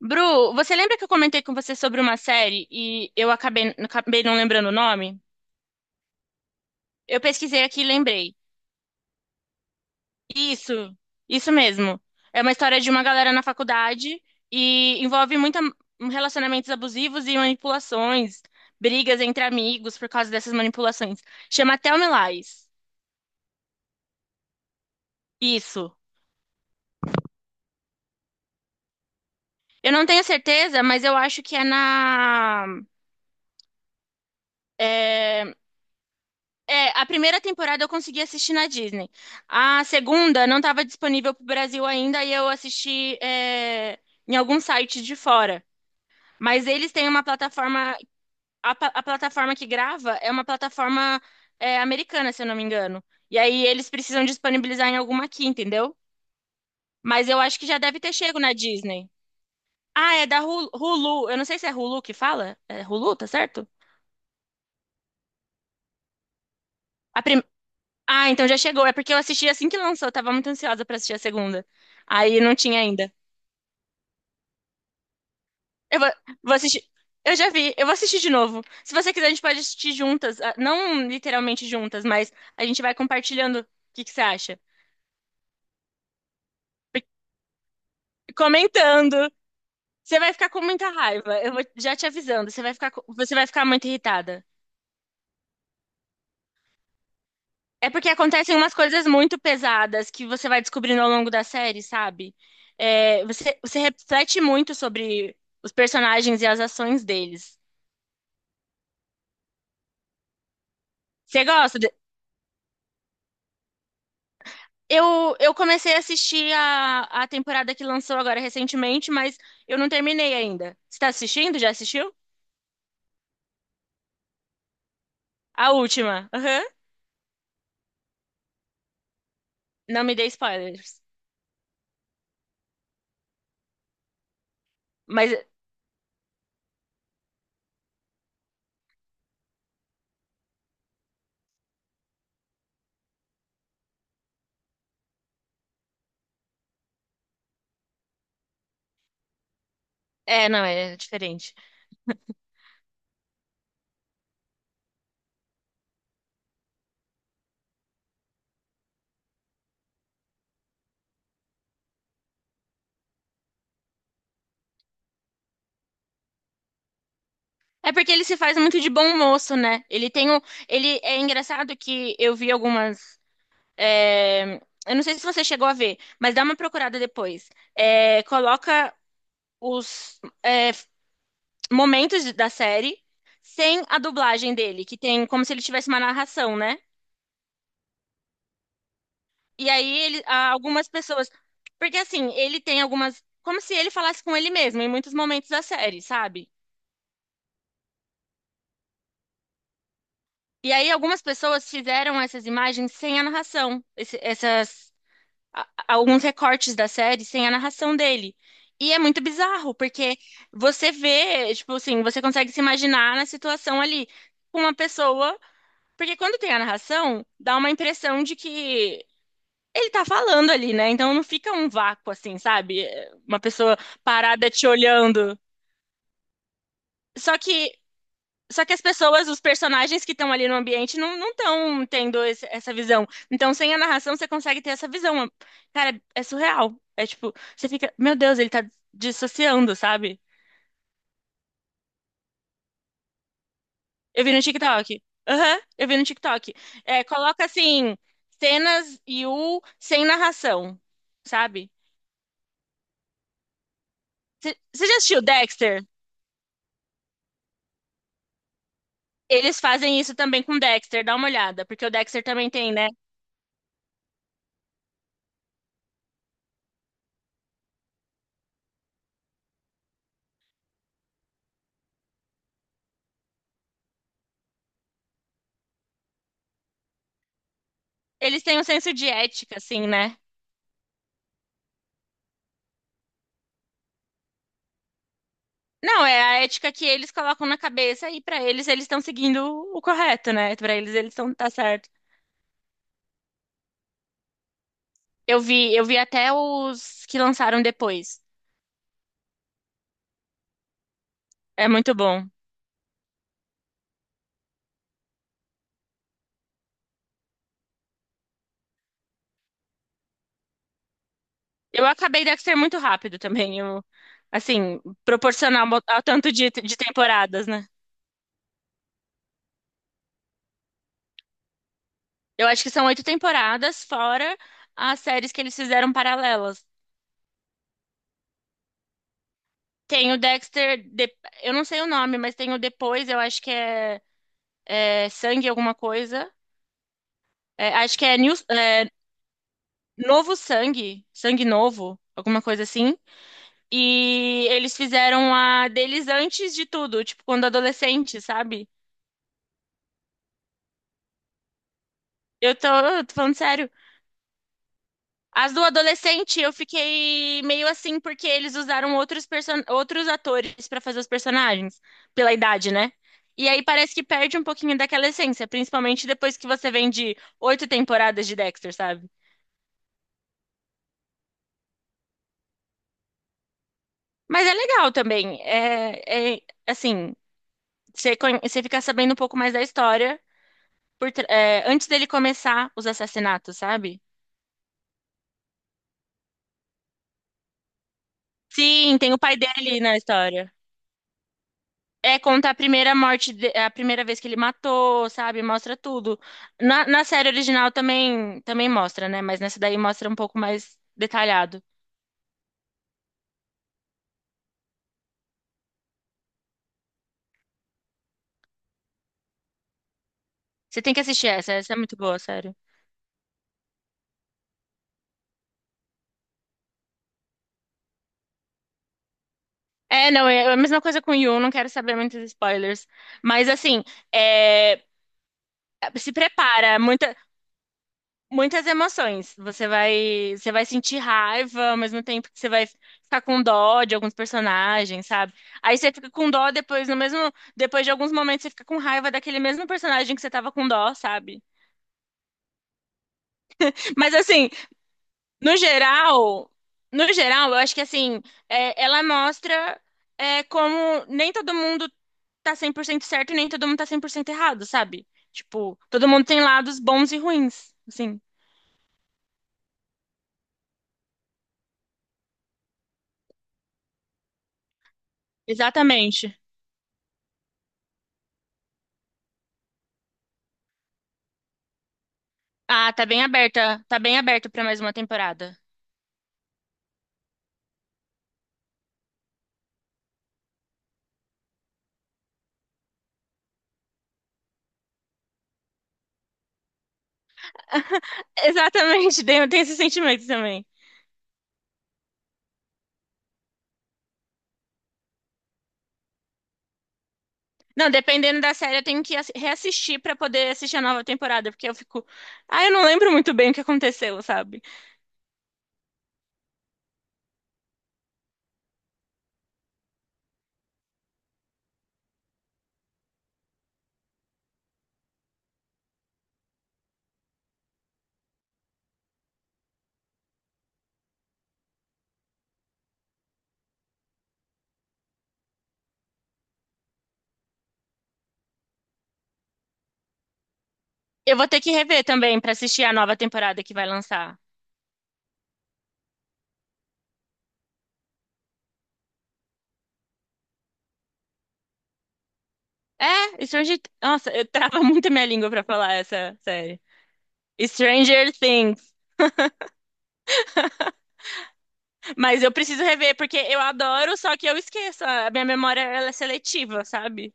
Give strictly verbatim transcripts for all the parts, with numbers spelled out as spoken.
Bru, você lembra que eu comentei com você sobre uma série e eu acabei, acabei não lembrando o nome? Eu pesquisei aqui e lembrei. Isso, isso mesmo. É uma história de uma galera na faculdade e envolve muita relacionamentos abusivos e manipulações, brigas entre amigos por causa dessas manipulações. Chama Tell Me Lies. Isso. Eu não tenho certeza, mas eu acho que é na é, é, a primeira temporada eu consegui assistir na Disney. A segunda não estava disponível para o Brasil ainda e eu assisti é, em algum site de fora. Mas eles têm uma plataforma, a, pa- a plataforma que grava é uma plataforma é, americana, se eu não me engano. E aí eles precisam disponibilizar em alguma aqui, entendeu? Mas eu acho que já deve ter chego na Disney. Ah, é da Hulu. Hulu. Eu não sei se é Hulu que fala. É Hulu, tá certo? A Ah, então já chegou. É porque eu assisti assim que lançou. Eu tava muito ansiosa pra assistir a segunda. Aí não tinha ainda. Eu vou, vou assistir. Eu já vi. Eu vou assistir de novo. Se você quiser, a gente pode assistir juntas. Ah, não literalmente juntas, mas a gente vai compartilhando o que que você acha. Porque- Comentando. Você vai ficar com muita raiva. Eu vou já te avisando. Você vai ficar, com- você vai ficar muito irritada. É porque acontecem umas coisas muito pesadas que você vai descobrindo ao longo da série, sabe? É, você, você reflete muito sobre os personagens e as ações deles. Você gosta? de- Eu, eu comecei a assistir a, a temporada que lançou agora recentemente, mas eu não terminei ainda. Você tá assistindo? Já assistiu? A última. Aham. Não me dê spoilers. Mas é, não, é diferente. É porque ele se faz muito de bom moço, né? Ele tem um, ele é engraçado que eu vi algumas, é, eu não sei se você chegou a ver, mas dá uma procurada depois. É, coloca os é, momentos da série sem a dublagem dele, que tem como se ele tivesse uma narração, né? E aí ele, ah, algumas pessoas, porque assim, ele tem algumas, como se ele falasse com ele mesmo em muitos momentos da série, sabe? E aí algumas pessoas fizeram essas imagens sem a narração, esse- essas a- alguns recortes da série sem a narração dele. E é muito bizarro, porque você vê, tipo assim, você consegue se imaginar na situação ali com uma pessoa, porque quando tem a narração, dá uma impressão de que ele tá falando ali, né? Então não fica um vácuo assim, sabe? Uma pessoa parada te olhando. Só que, só que as pessoas, os personagens que estão ali no ambiente não não estão tendo esse- essa visão. Então, sem a narração, você consegue ter essa visão. Cara, é surreal. É tipo, você fica, meu Deus, ele tá dissociando, sabe? Eu vi no TikTok. Aham, eu vi no TikTok. É, coloca assim, cenas e o sem narração, sabe? Você você já assistiu Dexter? Eles fazem isso também com Dexter, dá uma olhada, porque o Dexter também tem, né? Eles têm um senso de ética, assim, né? Não, é a ética que eles colocam na cabeça e pra eles eles estão seguindo o correto, né? Pra eles eles estão tá certo. Eu vi, eu vi até os que lançaram depois. É muito bom. Eu acabei Dexter muito rápido também, eu, assim, proporcional ao ao tanto de, de temporadas, né? Eu acho que são oito temporadas, fora as séries que eles fizeram paralelas. Tem o Dexter, de- eu não sei o nome, mas tem o depois, eu acho que é, é Sangue alguma coisa. É, acho que é New, é Novo Sangue, Sangue Novo, alguma coisa assim. E eles fizeram a deles antes de tudo, tipo, quando adolescente, sabe? Eu tô, eu tô falando sério. As do adolescente, eu fiquei meio assim, porque eles usaram outros, person... outros atores pra fazer os personagens, pela idade, né? E aí parece que perde um pouquinho daquela essência, principalmente depois que você vem de oito temporadas de Dexter, sabe? Mas é legal também. É, é assim, você, conhe- você fica sabendo um pouco mais da história por tra- é, antes dele começar os assassinatos, sabe? Sim, tem o pai dele na história. É, conta a primeira morte, de- a primeira vez que ele matou, sabe? Mostra tudo. Na, na série original também, também mostra, né? Mas nessa daí mostra um pouco mais detalhado. Você tem que assistir essa, essa é muito boa, sério. É, não, é a mesma coisa com Yu, não quero saber muitos spoilers. Mas assim, é, se prepara, muitas emoções. Você vai, você vai sentir raiva, ao mesmo tempo que você vai ficar com dó de alguns personagens, sabe? Aí você fica com dó depois, no mesmo, depois de alguns momentos você fica com raiva daquele mesmo personagem que você tava com dó, sabe? Mas assim, no geral, no geral, eu acho que assim, é, ela mostra é, como nem todo mundo tá cem por cento certo e nem todo mundo tá cem por cento errado, sabe? Tipo, todo mundo tem lados bons e ruins, assim. Exatamente. Ah, tá bem aberta, tá bem aberto pra mais uma temporada. Exatamente, tem tem esse sentimento também. Não, dependendo da série, eu tenho que assi- reassistir pra poder assistir a nova temporada, porque eu fico, ah, eu não lembro muito bem o que aconteceu, sabe? Eu vou ter que rever também pra assistir a nova temporada que vai lançar. É, Stranger, nossa, eu trava muito a minha língua pra falar essa série. Stranger Things, mas eu preciso rever porque eu adoro, só que eu esqueço, a minha memória ela é seletiva, sabe?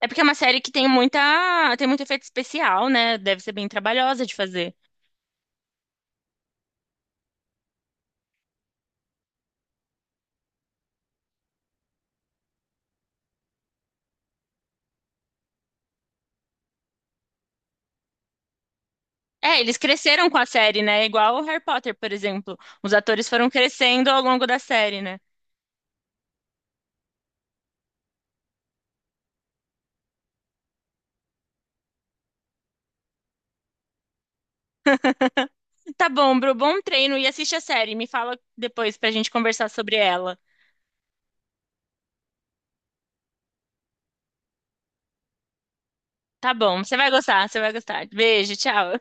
É porque é uma série que tem muita, tem muito efeito especial, né? Deve ser bem trabalhosa de fazer. É, eles cresceram com a série, né? Igual o Harry Potter, por exemplo. Os atores foram crescendo ao longo da série, né? Tá bom, Bru, bom treino e assiste a série. Me fala depois pra gente conversar sobre ela. Tá bom, você vai gostar, você vai gostar. Beijo, tchau.